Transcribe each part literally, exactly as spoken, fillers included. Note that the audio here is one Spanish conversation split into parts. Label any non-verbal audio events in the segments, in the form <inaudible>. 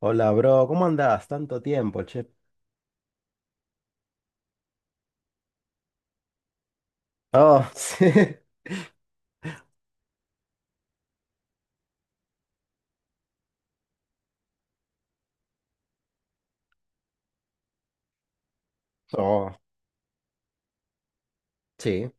Hola, bro, ¿cómo andás? Tanto tiempo, che. Oh, <laughs> sí. Oh, sí.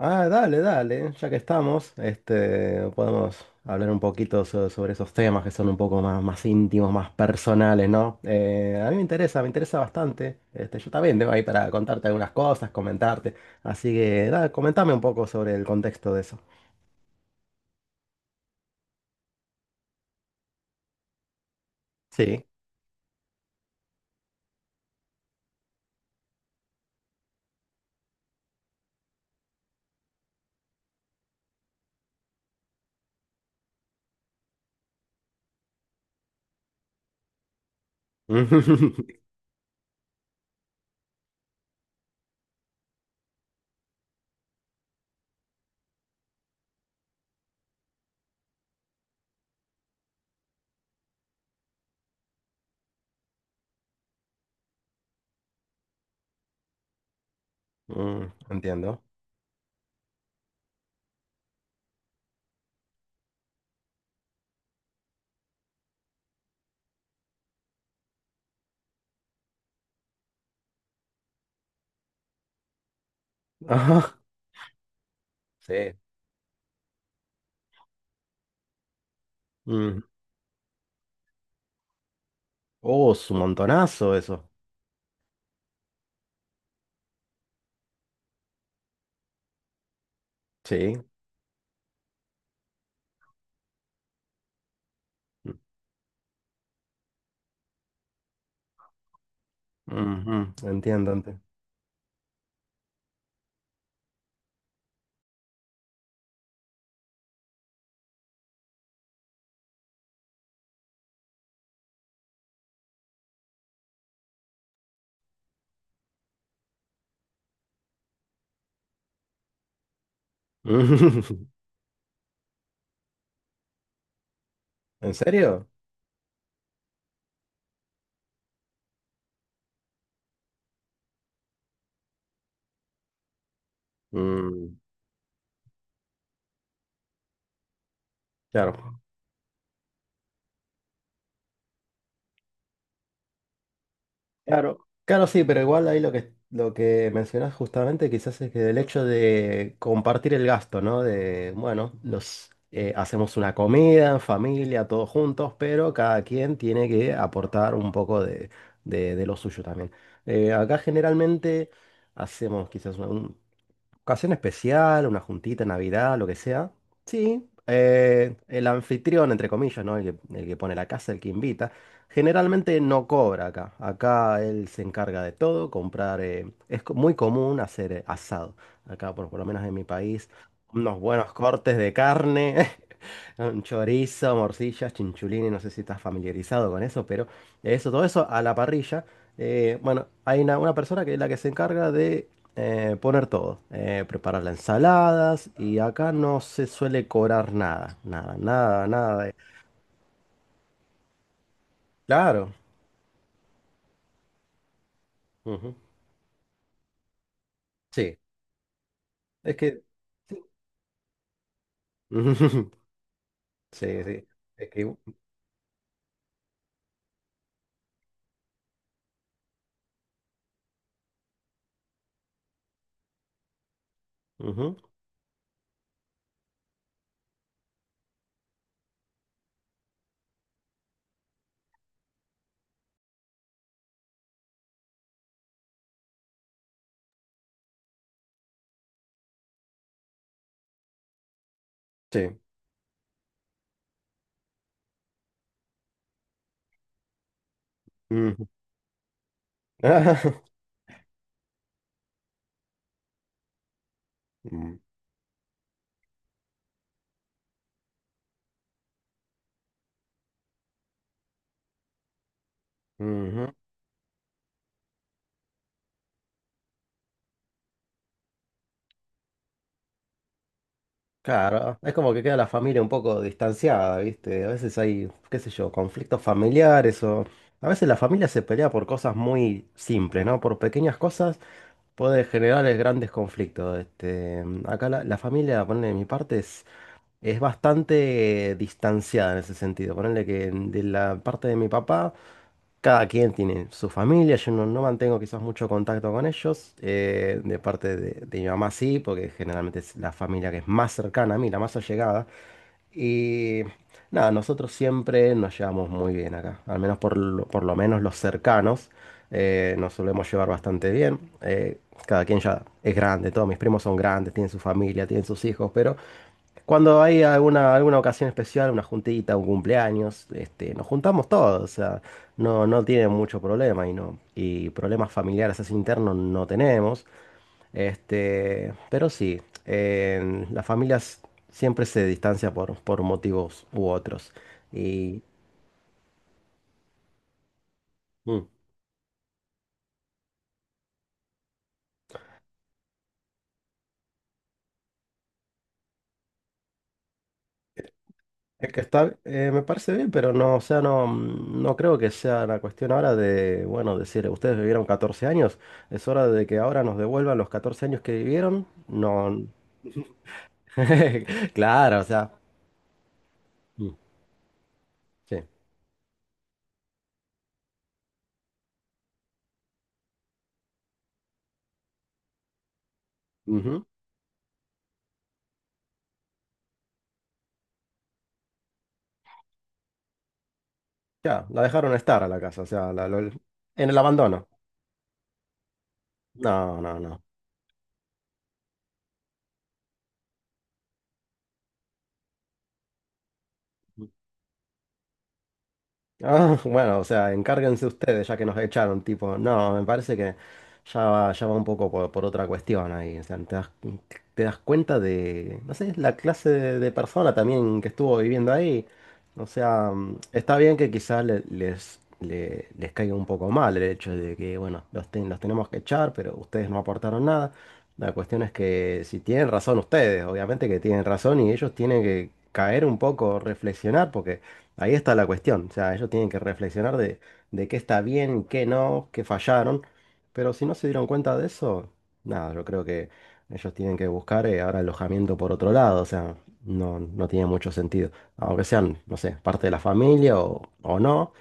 Ah, dale, dale, ya que estamos, este, podemos hablar un poquito so- sobre esos temas que son un poco más, más íntimos, más personales, ¿no? Eh, a mí me interesa, me interesa bastante. Este, yo también tengo ahí para contarte algunas cosas, comentarte. Así que, nada, comentame un poco sobre el contexto de eso. Sí. <laughs> Mm, entiendo. Ajá, sí. Mm. Oh, es un montonazo eso. Sí. Ujú, entiendo, entiendo. <laughs> ¿En serio? Mm, claro. Claro, claro, sí, pero igual ahí lo que, lo que mencionas justamente quizás es que el hecho de compartir el gasto, ¿no? De, bueno, los, eh, hacemos una comida en familia, todos juntos, pero cada quien tiene que aportar un poco de, de- de lo suyo también. Eh, acá generalmente hacemos quizás un, ocasión especial, una juntita, Navidad, lo que sea. Sí, eh, el anfitrión, entre comillas, ¿no? El que, el que pone la casa, el que invita. Generalmente no cobra acá. Acá él se encarga de todo, comprar. Eh, es co- muy común hacer eh, asado. Acá, por, por lo menos en mi país, unos buenos cortes de carne, <laughs> un chorizo, morcillas, chinchulines. No sé si estás familiarizado con eso, pero eso, todo eso a la parrilla. Eh, bueno, hay una, una persona que es la que se encarga de eh, poner todo, eh, preparar las ensaladas y acá no se suele cobrar nada, nada, nada, nada. de- Claro. Ujú, sí, es que... Sí, <laughs> sí, sí, es que... Ujú, sí. Ujú. <laughs> Mm, ujú, claro, es como que queda la familia un poco distanciada, ¿viste? A veces hay, qué sé yo, conflictos familiares o... A veces la familia se pelea por cosas muy simples, ¿no? Por pequeñas cosas puede generar eh, grandes conflictos. Este, acá la, la familia, ponele de mi parte, es, es bastante distanciada en ese sentido. Ponele que de la parte de mi papá. Cada quien tiene su familia, yo no, no mantengo quizás mucho contacto con ellos, eh, de parte de, de mi mamá sí, porque generalmente es la familia que es más cercana a mí, la más allegada. Y nada, nosotros siempre nos llevamos muy bien acá, al menos por lo, por lo menos los cercanos eh, nos solemos llevar bastante bien. Eh, cada quien ya es grande, todos mis primos son grandes, tienen su familia, tienen sus hijos, pero cuando hay alguna, alguna ocasión especial, una juntita, un cumpleaños, este, nos juntamos todos, o sea, no, no tienen mucho problema y no, y problemas familiares así internos no tenemos. Este, pero sí, en- las familias siempre se distancian por, por motivos u otros. Y, mm. Es que está, eh, me parece bien, pero no, o sea, no, mm, no creo que sea la cuestión ahora de, bueno, decir, ustedes vivieron catorce años, es hora de que ahora nos devuelvan los catorce años que vivieron. No, <laughs> claro, o sea, mm, sí, ujú, ya, la dejaron estar a la casa, o sea, la- lo- en el abandono. No, no, no. Ah, <laughs> bueno, o sea, encárguense ustedes ya que nos echaron, tipo, no, me parece que ya va, ya va un poco por, por otra cuestión ahí, o sea, te das, te das cuenta de, no sé, la clase de, de persona también que estuvo viviendo ahí, o sea, mm, está bien que quizás le- les, le- les caiga un poco mal el hecho de que, bueno, los, ten- los tenemos que echar, pero ustedes no aportaron nada, la cuestión es que si tienen razón ustedes, obviamente que tienen razón y ellos tienen que caer un poco, reflexionar, porque... Ahí está la cuestión, o sea, ellos tienen que reflexionar de, de qué está bien, qué no, qué fallaron, pero si no se dieron cuenta de eso, nada, yo creo que ellos tienen que buscar eh, ahora alojamiento por otro lado, o sea, no, no tiene mucho sentido, aunque sean, no sé, parte de la familia o, o no,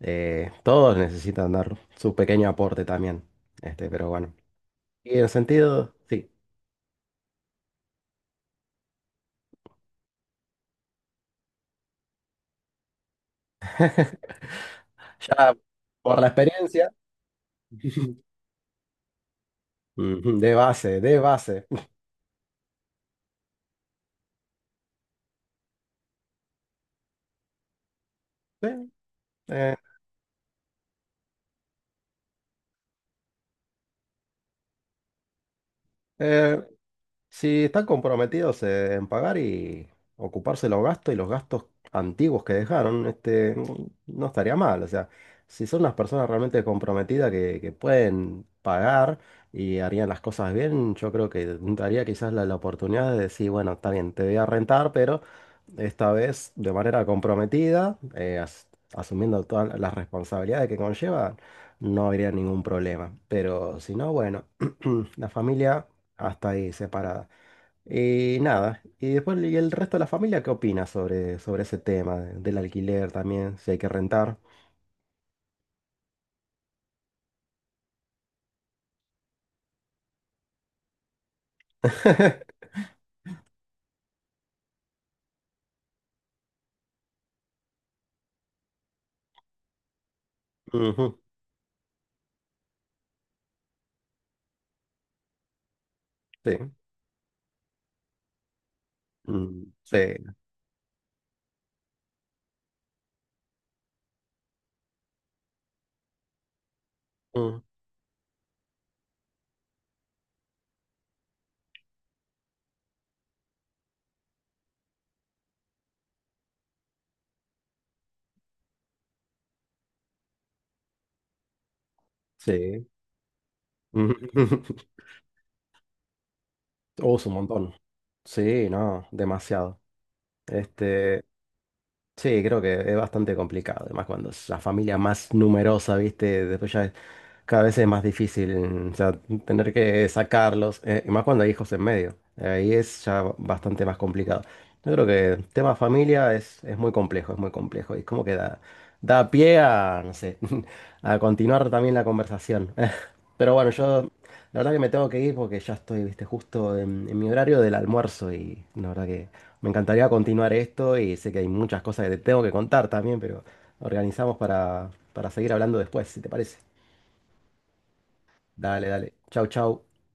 eh, todos necesitan dar su pequeño aporte también, este, pero bueno, y en sentido, sí, ya por la experiencia, <laughs> ujú, de base, de base. Sí, eh, eh, si están comprometidos eh, en pagar y ocuparse los gastos y los gastos antiguos que dejaron, este, mm, no estaría mal. O sea, si son las personas realmente comprometidas que, que pueden pagar y harían las cosas bien, yo creo que daría quizás la, la oportunidad de decir, bueno, está bien, te voy a rentar, pero esta vez de manera comprometida, eh, as- asumiendo todas las responsabilidades que conllevan, no habría ningún problema. Pero si no, bueno, <clears throat> la familia... Hasta ahí, separada. Y nada, y después ¿y el resto de la familia qué opina sobre, sobre ese tema de- del alquiler también, si hay que rentar? <laughs> Ujú, sí, mm, sí, mm, sí. Mm. <laughs> Oh, es un montón. Sí, no, demasiado. Este, sí, creo que es bastante complicado, además cuando es la familia más numerosa, ¿viste? Después ya cada vez es más difícil, o sea, tener que sacarlos, eh, y más cuando hay hijos en medio. Ahí es ya bastante más complicado. Yo creo que el tema familia es, es muy complejo, es muy complejo. Y es como que da, da pie a, no sé, <laughs> a continuar también la conversación. <laughs> Pero bueno, yo la verdad que me tengo que ir porque ya estoy, viste, justo en, en mi horario del almuerzo y la verdad que me encantaría continuar esto y sé que hay muchas cosas que te tengo que contar también, pero organizamos para, para seguir hablando después, si te parece. Dale, dale. Chau, chau.